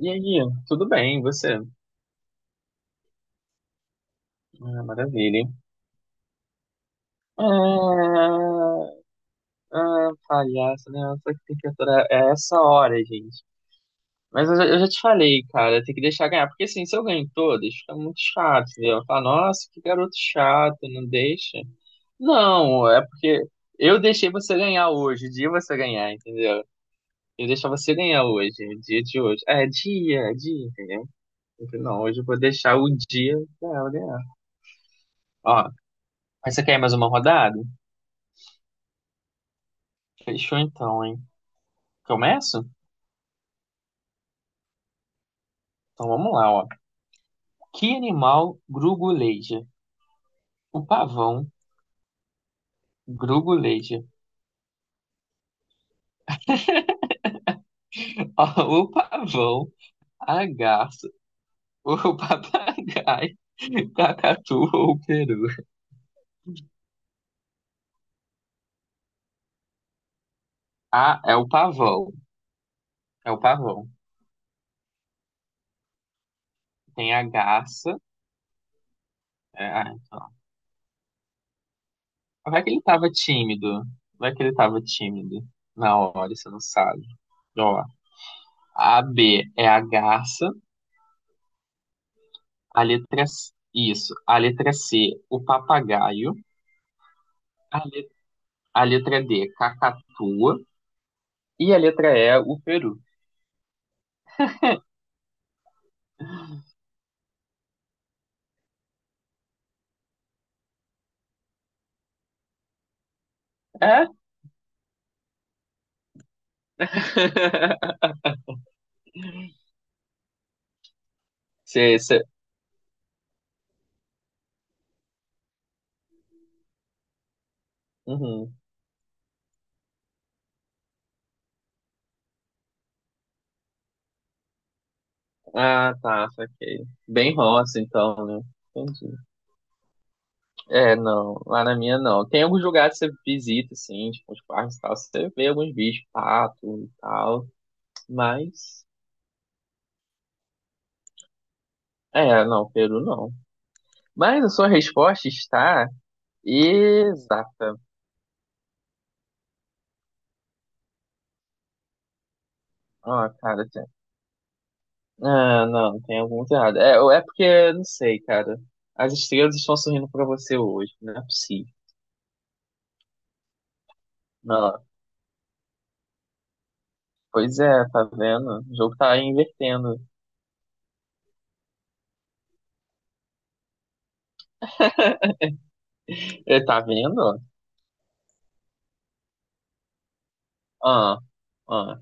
E aí, tudo bem, e você? Ah, maravilha. Ah, ah, palhaço, né? Só que tem que aturar. É essa hora, gente. Mas eu já te falei, cara, tem que deixar ganhar. Porque assim, se eu ganho todas, fica muito chato, entendeu? Fala, nossa, que garoto chato, não deixa. Não, é porque eu deixei você ganhar hoje, o dia você ganhar, entendeu? Eu deixar você ganhar hoje, o dia de hoje. É, dia, dia, entendeu? Eu falei, não, hoje eu vou deixar o dia dela ganhar. Ó, mas você quer mais uma rodada? Fechou então, hein? Começo? Então vamos lá, ó. Que animal gruguleja? O pavão gruguleja. O pavão, a garça, o papagaio, cacatu ou o peru. Ah, é o pavão. É o pavão. Tem a garça. Então. Vai que ele tava tímido. Vai que ele tava tímido. Na hora, você não sabe. Então, ó, a B é a garça. A letra C, isso. A letra C, o papagaio. A, le- a letra D, cacatua. E a letra E, o Peru. É? Cê... Uhum. Ah, tá, saquei. Bem roça, então, né? Entendi. É, não, lá na minha não. Tem alguns lugares que você visita, assim, tipo, os parques e tal, você vê alguns bichos, pato e tal, mas, é, não, Peru não. Mas a sua resposta está exata. Ó, cara, ah, não, tem algum errado. É, ou é porque, não sei, cara. As estrelas estão sorrindo pra você hoje, não é possível. Não, pois é, tá vendo? O jogo tá invertendo. É, tá vendo? Ah, ah,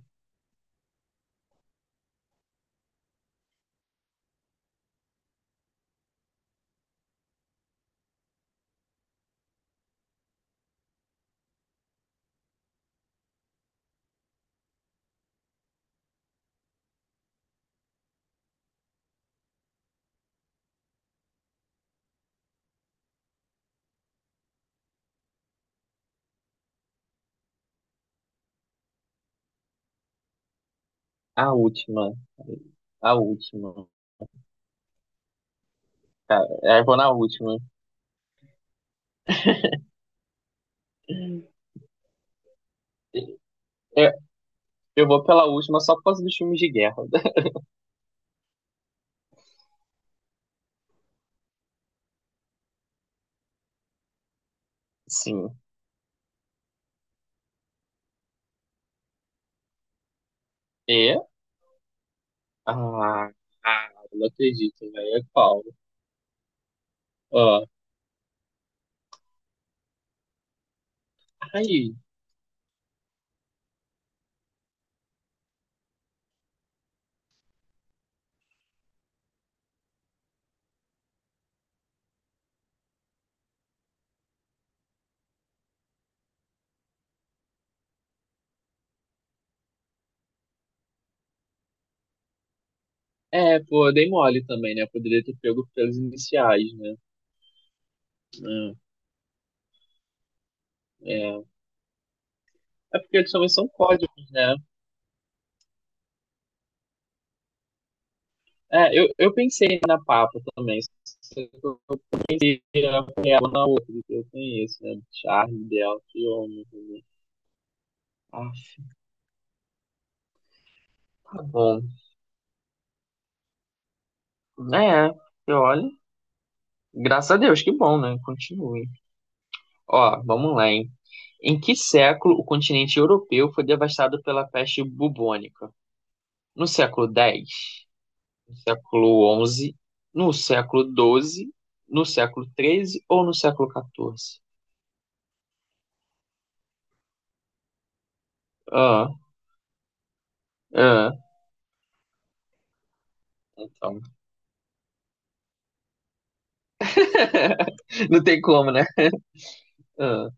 a última. A última. É, eu vou na última. Eu, eu vou pela última só por causa dos filmes de guerra. Sim. E? Ah, ah, não acredito, velho. É qual? Ó. Ai, é, pô, dei mole também, né? Poderia ter pego pelos iniciais, né? É, é. É porque eles também são códigos, né? É, eu pensei na Papa também. Só que eu pensei ela na outra que eu conheço, né? Charlie dela, que homem, né? Ah, tá bom. É, e olha. Graças a Deus, que bom, né? Continue. Ó, vamos lá, hein? Em que século o continente europeu foi devastado pela peste bubônica? No século X, no século onze, no século doze, no século treze ou no século XIV? Ah, ah, então. Não tem como, né? Ah,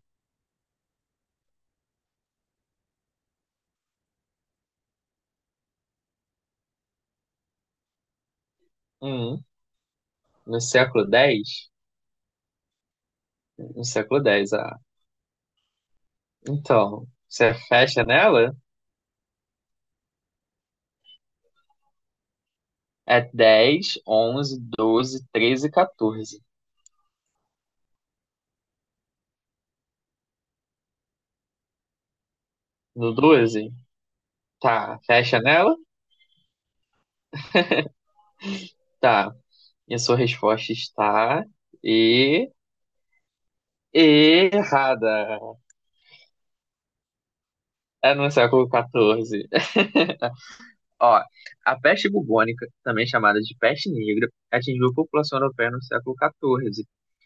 hum, no século dez, no século dez. Então, você fecha nela? É 10, 11, 12, 13 e 14. No 12, tá, fecha nela? Tá. E a sua resposta está... E... Errada. É no século XIV. Ó, a peste bubônica, também chamada de peste negra, atingiu a população europeia no século XIV,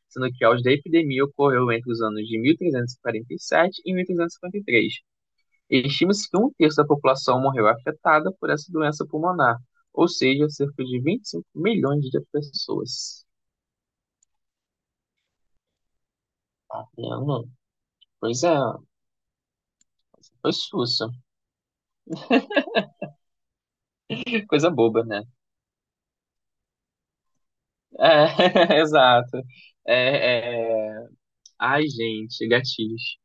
sendo que a auge da epidemia ocorreu entre os anos de 1347 e 1353. Estima-se que um terço da população morreu afetada por essa doença pulmonar, ou seja, cerca de 25 milhões de pessoas. Tá vendo? Pois é, foi sussa. Coisa boba, né? É, exato. É, é... Ai, gente, gatilhos.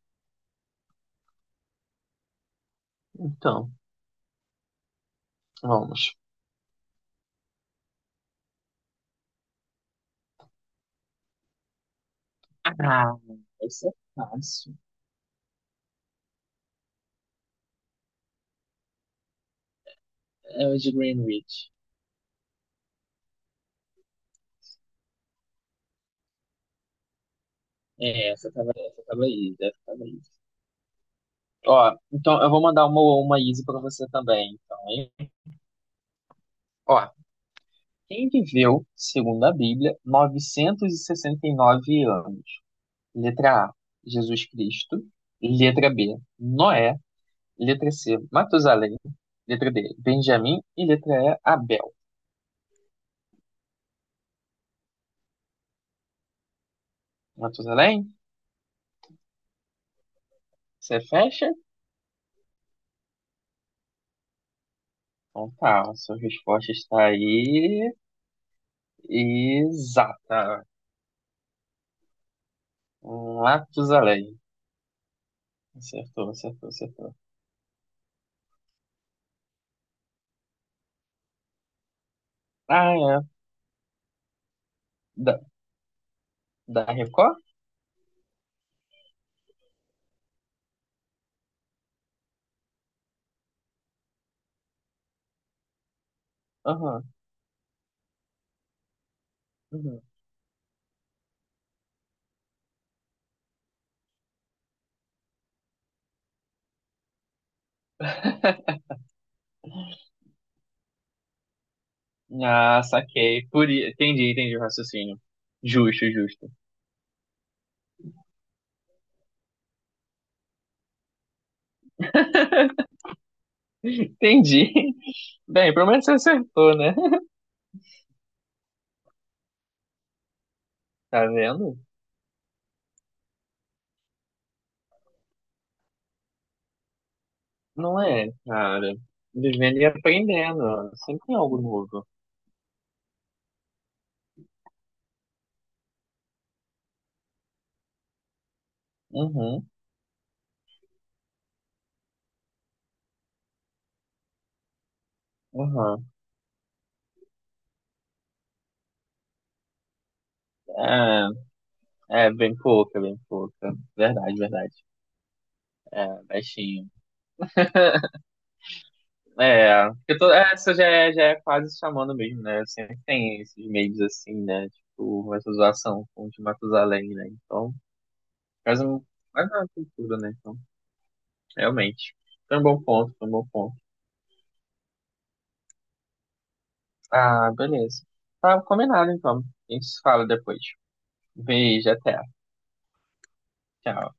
Então, vamos. Ah, essa é fácil. É o de Greenwich. É, essa tava aí, essa tava aí. Ó, então eu vou mandar uma easy pra você também, então, hein? Ó, quem viveu, segundo a Bíblia, 969 anos? Letra A, Jesus Cristo. Letra B, Noé. Letra C, Matusalém. Letra D, Benjamim. E letra E, Abel. Matusalém, você fecha? Então tá, a sua resposta está aí. Exata. Um lápis Matusalém. Acertou, acertou, acertou. Ah, é. Da, da Record? Aham. Uhum. Ah, saquei. Entendi, entendi o raciocínio. Justo, justo. Entendi. Bem, pelo menos você acertou, né? Tá vendo? Não é, cara. Vivendo e aprendendo. Sempre tem algo novo. Uhum, uhum. É, é bem pouca, bem pouca. Verdade, verdade. É, baixinho. É, porque é, essa já é quase chamando mesmo, né? Sempre tem esses meios assim, né? Tipo, essa zoação com o de Matusalém, né? Então, faz um, faz uma cultura, né? Então, realmente. Foi um bom ponto, foi um bom ponto. Ah, beleza. Tá combinado, então. A gente se fala depois. Beijo, até. Tchau.